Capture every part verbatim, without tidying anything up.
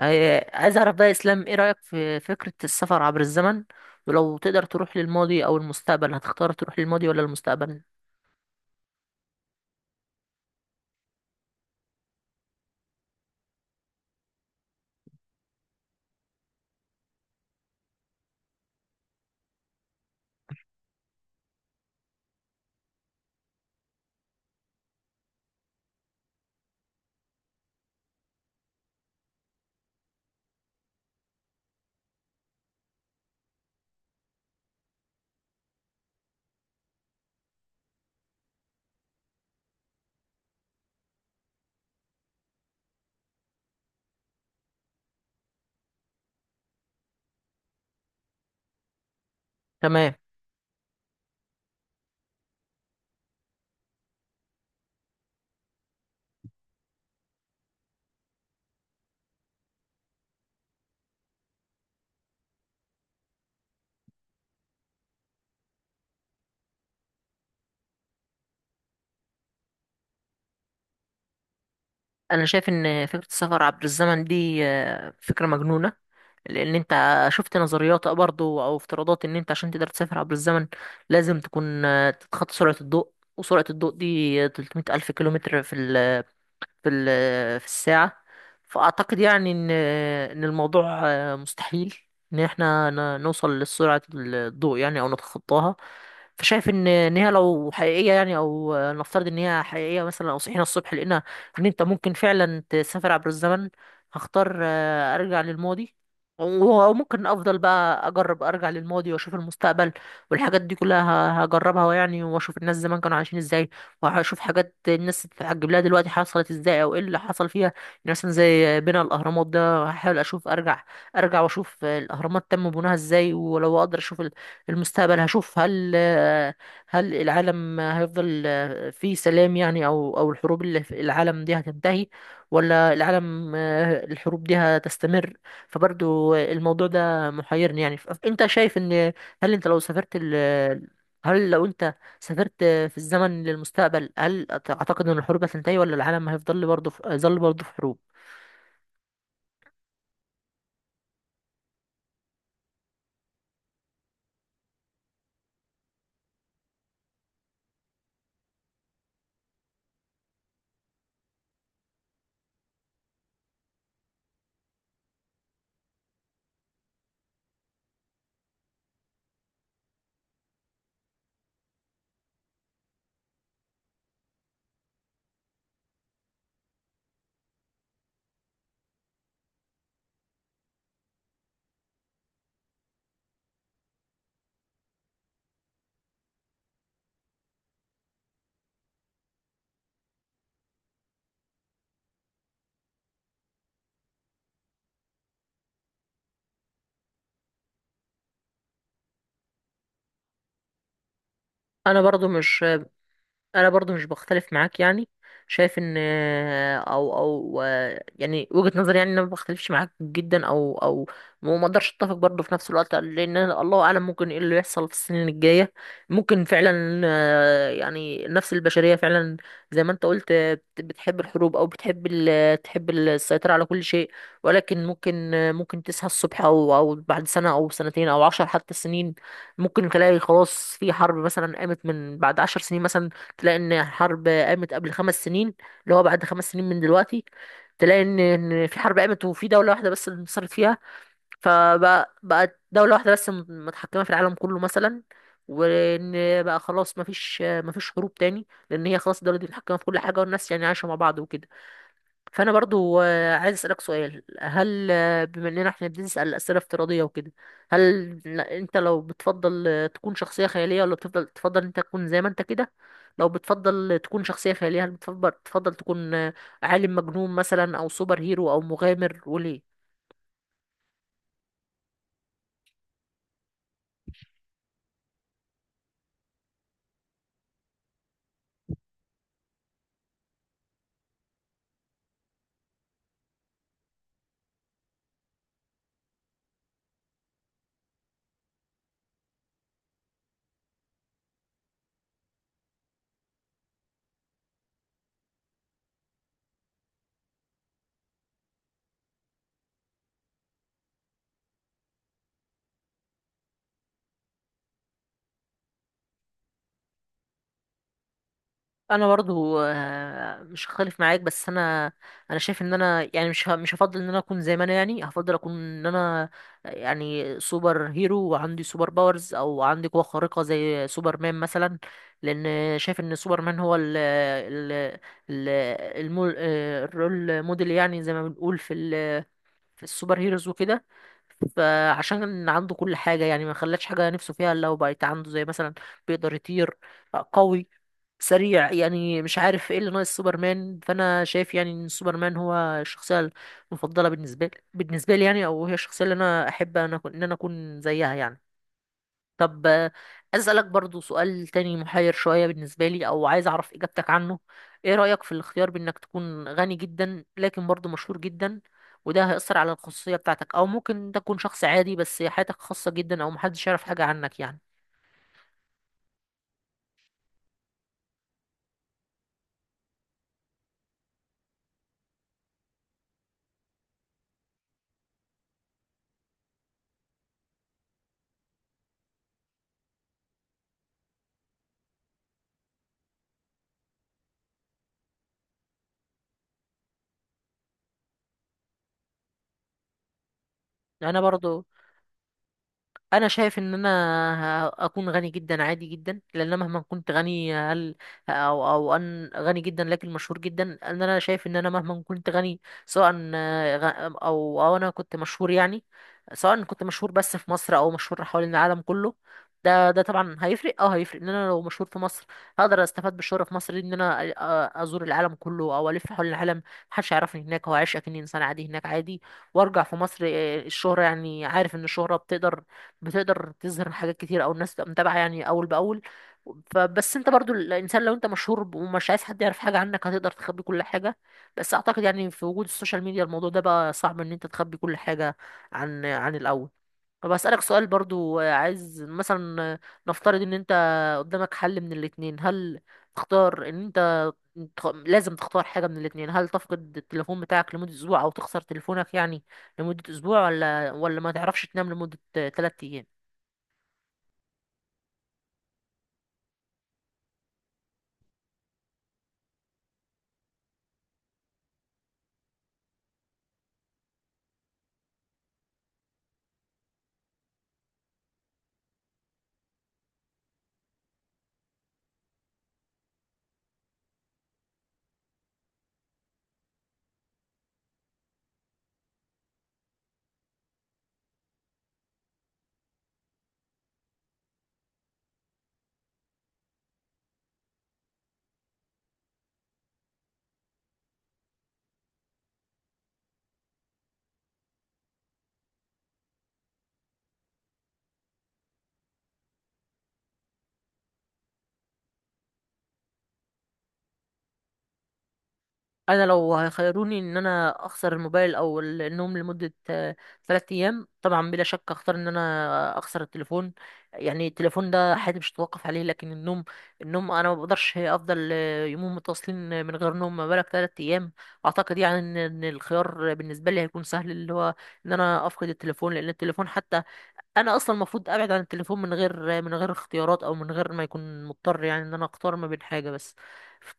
آه، عايز اعرف بقى يا اسلام ايه رأيك في فكرة السفر عبر الزمن؟ ولو تقدر تروح للماضي او المستقبل، هتختار تروح للماضي ولا المستقبل؟ تمام. انا شايف ان فكرة السفر عبر الزمن دي آه، فكرة مجنونة، لان انت شفت نظريات برضو او افتراضات ان انت عشان تقدر تسافر عبر الزمن لازم تكون آه، تتخطى سرعة الضوء، وسرعة الضوء دي ثلاثمية ألف كيلومتر في في ال- في الساعة. فأعتقد يعني إن إن الموضوع آه، مستحيل إن إحنا ن- نوصل لسرعة الضوء يعني أو نتخطاها. فشايف إن إن هي لو حقيقية يعني، أو آه، نفترض إن هي حقيقية مثلا، أو صحينا الصبح لقينا إن أنت ممكن فعلا تسافر عبر الزمن، هختار آه، أرجع للماضي، و- وممكن أفضل بقى أجرب أرجع للماضي وأشوف المستقبل والحاجات دي كلها. ه- هجربها يعني، وأشوف الناس زمان كانوا عايشين إزاي، وهشوف حاجات الناس تتعجب لها دلوقتي حصلت ازاي او ايه اللي حصل فيها يعني. مثلا زي بناء الاهرامات، ده هحاول اشوف ارجع ارجع واشوف الاهرامات تم بناها ازاي. ولو اقدر اشوف ال- المستقبل، هشوف هل هل العالم هيفضل فيه سلام يعني، او او الحروب اللي في العالم دي هتنتهي، ولا العالم الحروب دي هتستمر. فبرضو الموضوع ده محيرني يعني. ف- انت شايف ان هل انت لو سافرت ال هل لو انت سافرت في الزمن للمستقبل، هل أعتقد إن الحروب هتنتهي ولا العالم هيفضل برضه في هيظل برضه في حروب؟ أنا برضه مش انا برضو مش بختلف معاك يعني. شايف ان او او يعني وجهة نظري يعني ان انا ما بختلفش معاك جدا، او او وما اقدرش اتفق برضو في نفس الوقت، لان الله اعلم ممكن ايه اللي يحصل في السنين الجاية. ممكن فعلا آه، يعني النفس البشرية فعلا زي ما انت قلت آه، بت- بتحب الحروب او بتحب ال- تحب السيطرة على كل شيء. ولكن ممكن آه، ممكن تصحى الصبح او او بعد سنة او سنتين او عشر حتى سنين، ممكن تلاقي خلاص في حرب مثلا قامت من بعد عشر سنين مثلا، تلاقي ان حرب قامت قبل خمس سنين، اللي هو بعد خمس سنين من دلوقتي، تلاقي ان إن في حرب قامت وفي دولة واحدة بس اللي انتصرت فيها، فبقت دولة واحدة بس م- متحكمة في العالم كله مثلا، وان بقى خلاص مفيش مفيش حروب تاني لان هي خلاص الدولة دي متحكمة في كل حاجة والناس يعني عايشة مع بعض وكده. فانا برضو آه، عايز اسالك سؤال، هل آه، بما اننا احنا بنسال اسئله افتراضيه وكده، هل ن- انت لو بتفضل آه، تكون شخصيه خياليه، ولا بتفضل تفضل انت تكون زي ما انت كده؟ لو بتفضل تكون شخصيه خياليه، هل بتفضل تفضل تكون آه، عالم مجنون مثلا او سوبر هيرو او مغامر، وليه؟ انا برضو آه، مش هختلف معاك، بس انا انا شايف ان انا يعني مش ه- مش هفضل ان انا اكون زي ما انا، يعني هفضل اكون ان انا يعني سوبر هيرو وعندي سوبر باورز او عندي قوة خارقة زي سوبرمان مثلا. لان شايف ان سوبرمان هو ال ال ال المو- آه، الرول موديل، يعني زي ما بنقول في ال- في السوبر هيروز وكده. فعشان عنده كل حاجة يعني، ما خلاش حاجة نفسه فيها إلا هو بقت عنده، زي مثلا بيقدر يطير، آه، قوي، سريع يعني، مش عارف ايه اللي ناقص سوبرمان. فانا شايف يعني ان سوبرمان هو الشخصيه المفضله بالنسبه لي، بالنسبه لي يعني. او هي الشخصيه اللي انا احب انا أكون- ان انا اكون زيها يعني. طب آه، عايز اسالك برضو سؤال تاني محير شويه بالنسبه لي، او عايز اعرف اجابتك عنه. ايه رايك في الاختيار بانك تكون غني جدا لكن برضو مشهور جدا، وده هيأثر على الخصوصيه بتاعتك، او ممكن تكون شخص عادي بس حياتك خاصه جدا او محدش يعرف حاجه عنك يعني؟ انا برضو انا شايف ان انا ه- اكون غني جدا عادي جدا. لان أنا مهما كنت غني، هل او او ان غني جدا لكن مشهور جدا، ان انا شايف ان انا مهما كنت غني سواء آه، غ- او او انا كنت مشهور يعني، سواء كنت مشهور بس في مصر او مشهور حوالين العالم كله، ده ده طبعا هيفرق. اه هيفرق ان انا لو مشهور في مصر هقدر استفاد بالشهرة في مصر دي، ان انا أ- أ- ازور العالم كله او الف حول العالم، محدش يعرفني هناك، هو عايش اكني انسان عادي هناك عادي، وارجع في مصر. آه، الشهرة يعني، عارف ان الشهرة بتقدر بتقدر تظهر حاجات كتير او الناس تبقى متابعه يعني اول باول. فبس انت برضو الانسان لو انت مشهور ب- ومش عايز حد يعرف حاجه عنك، هتقدر تخبي كل حاجه، بس اعتقد يعني في وجود السوشيال ميديا الموضوع ده بقى صعب ان انت تخبي كل حاجه عن عن الاول. طب اسالك سؤال برضو، آه، عايز مثلا آه، نفترض ان انت قدامك حل من الاتنين، هل تختار ان انت تخ- لازم تختار حاجه من الاتنين، هل تفقد التليفون بتاعك لمده اسبوع او تخسر تليفونك يعني لمده اسبوع، ولا ولا ما تعرفش تنام لمده ثلاث ايام؟ انا لو هيخيروني ان انا اخسر الموبايل او ال- النوم لمده ثلاثة ايام، طبعا بلا شك اختار ان انا اخسر التليفون. يعني التليفون ده حياتي مش هتوقف عليه، لكن النوم النوم انا ما بقدرش افضل آه، يومين متواصلين آه، من غير نوم، ما بالك ثلاثة ايام. اعتقد يعني ان إن الخيار بالنسبه لي هيكون سهل، اللي هو ان انا افقد التليفون، لان التليفون حتى انا اصلا المفروض ابعد عن التليفون من غير من غير اختيارات او من غير ما يكون مضطر يعني ان انا اختار ما بين حاجه بس.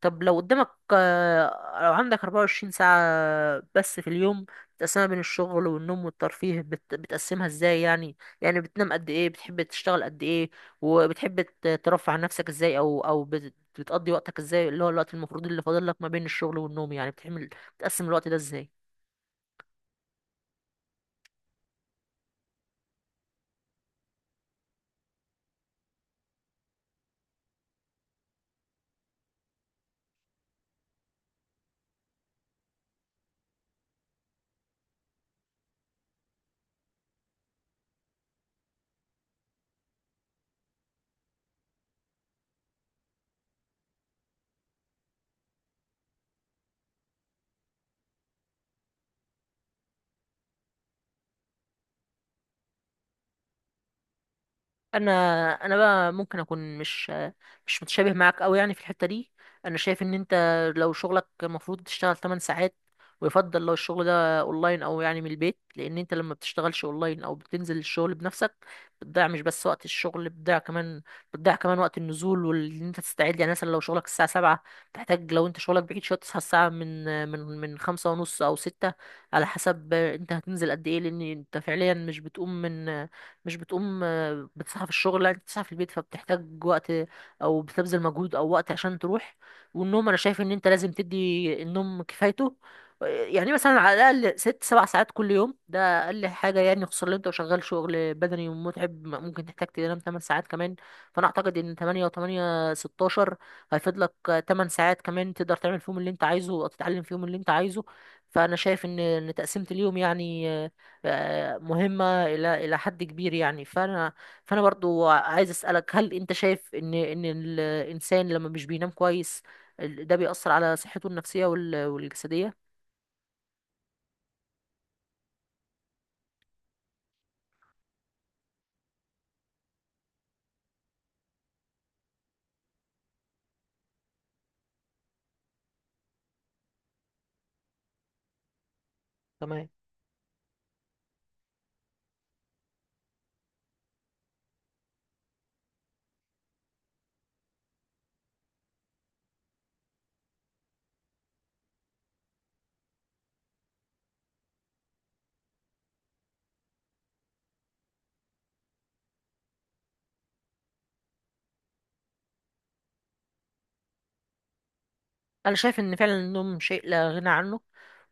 طب لو قدامك آه، لو عندك اربعة وعشرين ساعة بس في اليوم تقسمها بين الشغل والنوم والترفيه، بت... بتقسمها ازاي يعني؟ يعني بتنام قد ايه، بتحب تشتغل قد ايه، وبتحب ت- ترفع عن نفسك ازاي؟ او او بت... بتقضي وقتك ازاي، اللي هو الوقت المفروض اللي فاضل لك ما بين الشغل والنوم؟ يعني بتعمل بتقسم الوقت ده ازاي؟ انا انا بقى ممكن اكون مش مش متشابه معاك قوي يعني في الحته دي. انا شايف ان انت لو شغلك المفروض تشتغل ثماني ساعات، ويفضل لو الشغل ده اونلاين او يعني من البيت، لان انت لما بتشتغلش اونلاين او بتنزل الشغل بنفسك، بتضيع مش بس وقت الشغل، بتضيع كمان بتضيع كمان وقت النزول وان انت تستعد. يعني مثلا لو شغلك الساعه سبعة، تحتاج لو انت شغلك بعيد شويه تصحى الساعه من من من خمسة ونص او ستة على حسب انت هتنزل قد ايه. لان انت فعليا مش بتقوم من مش بتقوم بتسعى في الشغل، لا انت بتسعى في البيت، فبتحتاج وقت او بتبذل مجهود او وقت عشان تروح. والنوم انا شايف ان انت لازم تدي النوم كفايته، يعني مثلا على الاقل ست سبع ساعات كل يوم، ده اقل حاجه يعني. خصوصا لو انت شغال شغل بدني ومتعب ممكن تحتاج تنام ثماني ساعات كمان. فانا اعتقد ان ثمانية و8 ستاشر هيفيد لك. تمن ساعات كمان تقدر تعمل فيهم اللي انت عايزه او تتعلم فيهم اللي انت عايزه. فانا شايف ان ان تقسيمة اليوم يعني آه، آه، مهمة الى الى حد كبير يعني. فانا فانا برضو عايز اسالك، هل انت شايف ان ان الانسان لما مش بينام كويس، ال- ده بيأثر على صحته النفسية وال- والجسدية؟ تمام. انا شايف ان فعلا النوم شيء لا غنى عنه،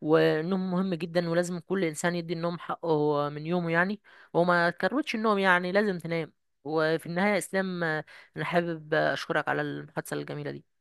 والنوم مهم جدا، ولازم كل انسان يدي النوم حقه من يومه يعني، وما تكروتش النوم يعني، لازم تنام. وفي النهاية يا اسلام، انا حابب اشكرك على المحادثة الجميلة دي.